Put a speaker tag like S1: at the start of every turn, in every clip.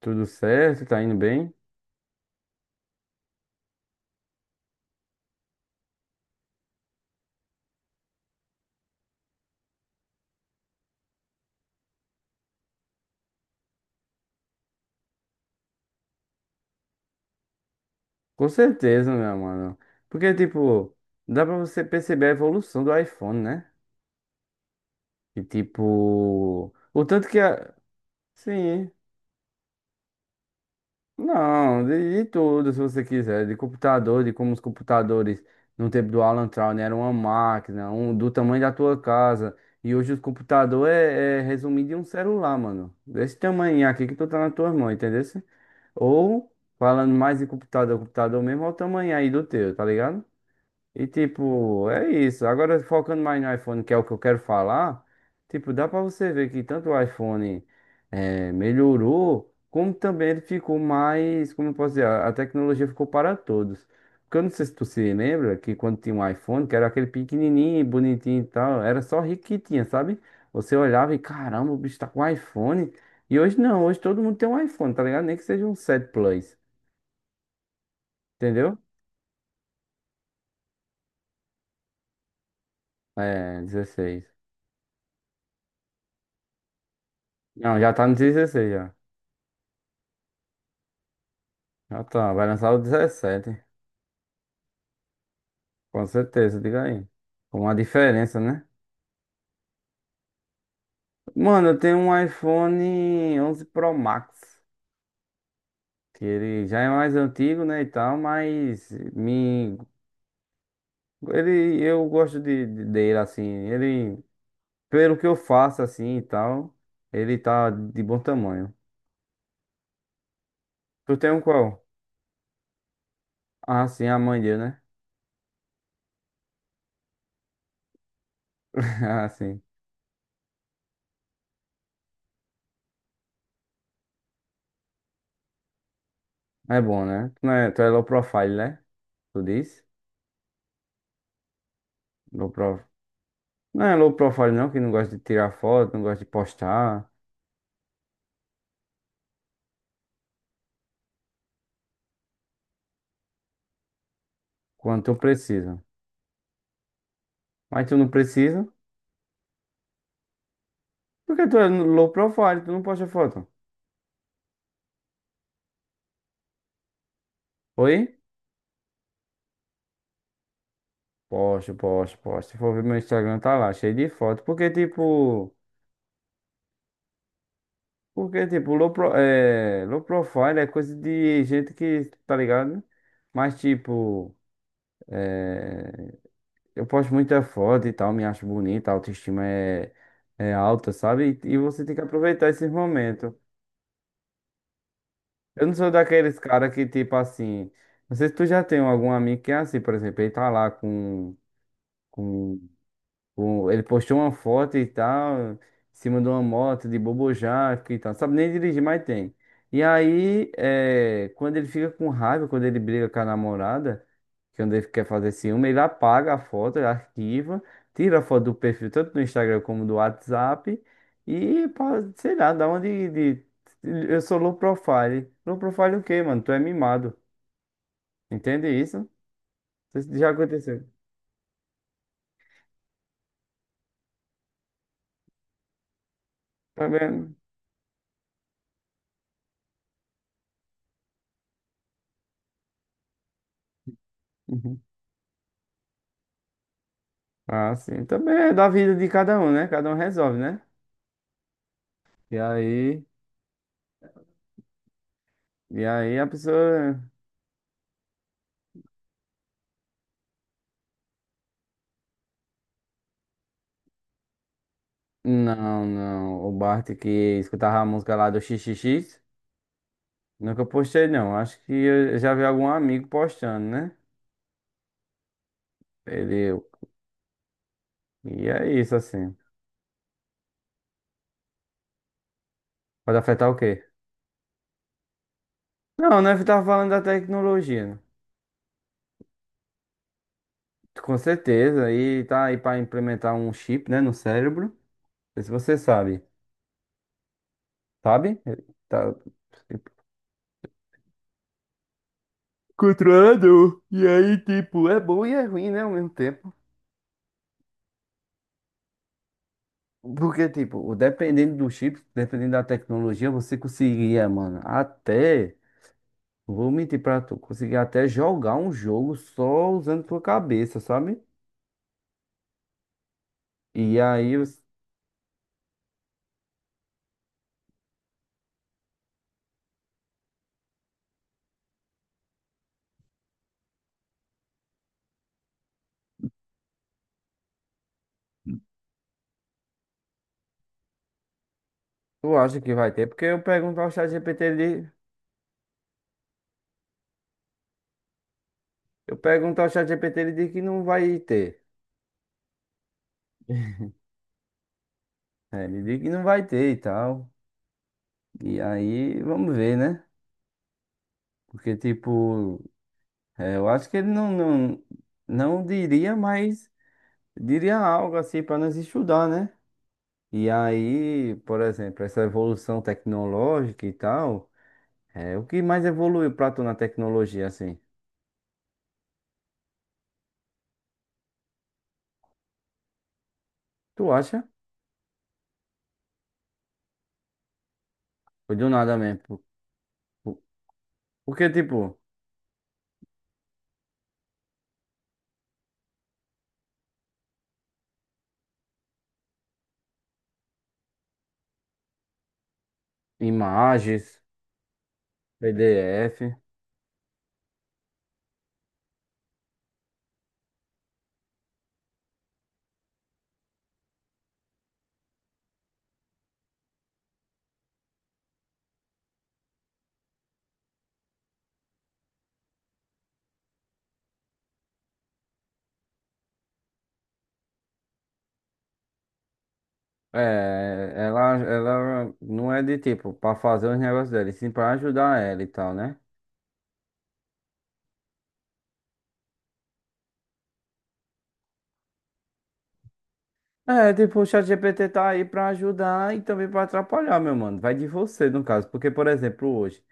S1: Tudo certo, tá indo bem? Com certeza, meu mano. Porque, tipo, dá pra você perceber a evolução do iPhone, né? E, tipo, o tanto que a. Sim, não, de tudo, se você quiser. De computador, de como os computadores no tempo do Alan Turing eram uma máquina, um do tamanho da tua casa. E hoje o computador é resumido em um celular, mano. Desse tamanho aqui que tu tá na tua mão, entendeu? Ou, falando mais em computador, computador mesmo, olha o tamanho aí do teu, tá ligado? E tipo, é isso. Agora focando mais no iPhone, que é o que eu quero falar, tipo, dá pra você ver que tanto o iPhone melhorou, como também ele ficou mais, como eu posso dizer, a tecnologia ficou para todos. Porque eu não sei se tu se lembra que quando tinha um iPhone, que era aquele pequenininho, bonitinho e tal, era só rico que tinha, sabe? Você olhava e caramba, o bicho tá com iPhone. E hoje não, hoje todo mundo tem um iPhone, tá ligado? Nem que seja um 7 Plus, entendeu? É, 16. Não, já tá no 16 já. Ah, tá. Vai lançar o 17. Com certeza, diga aí. Com uma diferença, né? Mano, eu tenho um iPhone 11 Pro Max. Que ele já é mais antigo, né, e tal, mas me... Ele, eu gosto dele, assim. Ele, pelo que eu faço, assim, e tal, ele tá de bom tamanho. Tu tem um qual? Ah, sim, a mãe dele, né? Ah, sim. É bom, né? Tu, não é, tu é low profile, né? Tu diz? Low profile. Não é low profile não, que não gosta de tirar foto, não gosta de postar, quando tu precisa. Mas tu não precisa, porque tu é low profile, tu não posta foto. Oi? Posta, posta, posta. Se for ver meu Instagram, tá lá, cheio de foto. Porque tipo, low, pro, é, low profile é coisa de gente que, tá ligado? Mas tipo, é, eu posto muita foto e tal, me acho bonita, a autoestima é alta, sabe? E você tem que aproveitar esses momentos. Eu não sou daqueles cara que, tipo assim. Não sei se tu já tem algum amigo que é assim, por exemplo, ele tá lá com, com ele postou uma foto e tal, em cima de uma moto de Bobojaca e tal. Sabe nem dirigir, mas tem. E aí, é, quando ele fica com raiva, quando ele briga com a namorada, quando ele quer fazer ciúme, ele apaga a foto, ele arquiva, tira a foto do perfil, tanto no Instagram como do WhatsApp, e, sei lá, dá uma Eu sou low profile. Low profile o quê, mano? Tu é mimado. Entende isso? Isso já aconteceu. Tá vendo? Ah, sim. Também é da vida de cada um, né? Cada um resolve, né? E aí, a pessoa. Não, não. O Bart que escutava a música lá do XXX, nunca postei, não. Acho que eu já vi algum amigo postando, né? Ele. E é isso, assim. Pode afetar o quê? Não, né? Eu tava falando da tecnologia, né? Com certeza. E tá aí pra implementar um chip, né? No cérebro. Não sei se você sabe. Sabe? Tá. Controlado. E aí, tipo, é bom e é ruim, né, ao mesmo tempo. Porque, tipo, dependendo do chip, dependendo da tecnologia, você conseguia, mano, até, não vou mentir pra tu, conseguia até jogar um jogo só usando tua cabeça, sabe? E aí, tu acha que vai ter? Porque eu pergunto ao ChatGPT, ele diz que não vai ter. É, ele diz que não vai ter e tal. E aí, vamos ver, né? Porque, tipo. É, eu acho que ele não diria, mas diria algo assim para nós estudar, né? E aí, por exemplo, essa evolução tecnológica e tal, é, o que mais evoluiu pra tu na tecnologia, assim? Tu acha? Foi do nada mesmo. Por- Porque, tipo, imagens, PDF, é, ela não é de tipo pra fazer os negócios dela, e sim pra ajudar ela e tal, né? É, tipo, o ChatGPT tá aí pra ajudar e também pra atrapalhar, meu mano. Vai de você, no caso. Porque, por exemplo, hoje.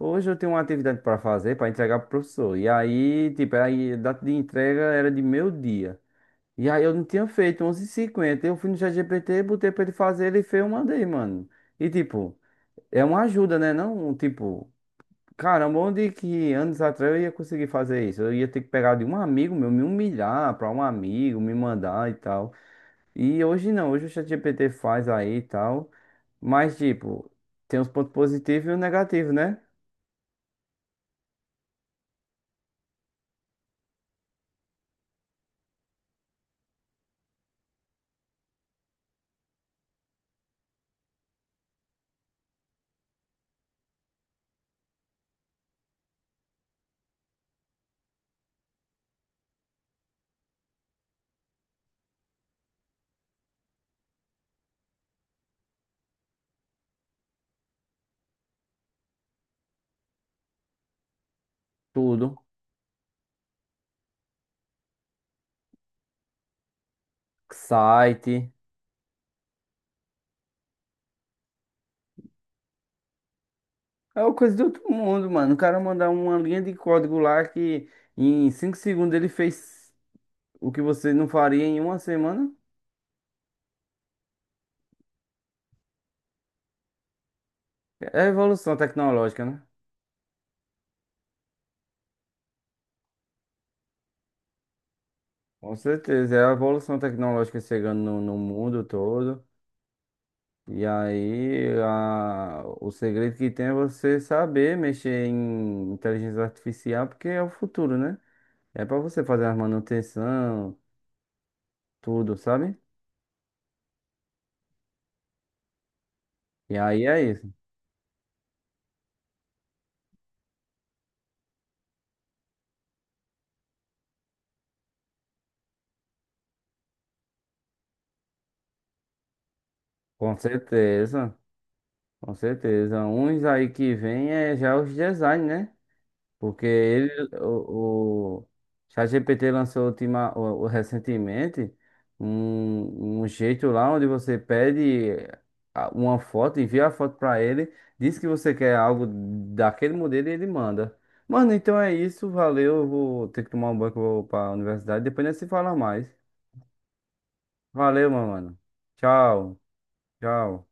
S1: Hoje eu tenho uma atividade pra fazer, pra entregar pro professor. E aí, tipo, aí, a data de entrega era de meio-dia. E aí eu não tinha feito, onze h 50. Eu fui no ChatGPT, botei pra ele fazer, ele fez, eu mandei, mano. E, tipo, é uma ajuda, né? Não, tipo, caramba, onde que anos atrás eu ia conseguir fazer isso? Eu ia ter que pegar de um amigo meu, me humilhar pra um amigo, me mandar e tal. E hoje não, hoje o ChatGPT faz aí e tal. Mas, tipo, tem os pontos positivos e os negativos, né? Tudo. Site. É uma coisa de outro mundo, mano. O cara mandar uma linha de código lá que em 5 segundos ele fez o que você não faria em uma semana. É a evolução tecnológica, né? Com certeza, é a evolução tecnológica chegando no mundo todo. E aí, o segredo que tem é você saber mexer em inteligência artificial, porque é o futuro, né? É pra você fazer a manutenção, tudo, sabe? E aí é isso. Com certeza, com certeza. Uns aí que vem é já os design, né? Porque o ChatGPT lançou recentemente um jeito lá onde você pede uma foto, envia a foto para ele, diz que você quer algo daquele modelo e ele manda. Mano, então é isso, valeu. Eu vou ter que tomar um banho que eu vou para a universidade. Depois nós se fala mais. Valeu, meu mano. Tchau, tchau.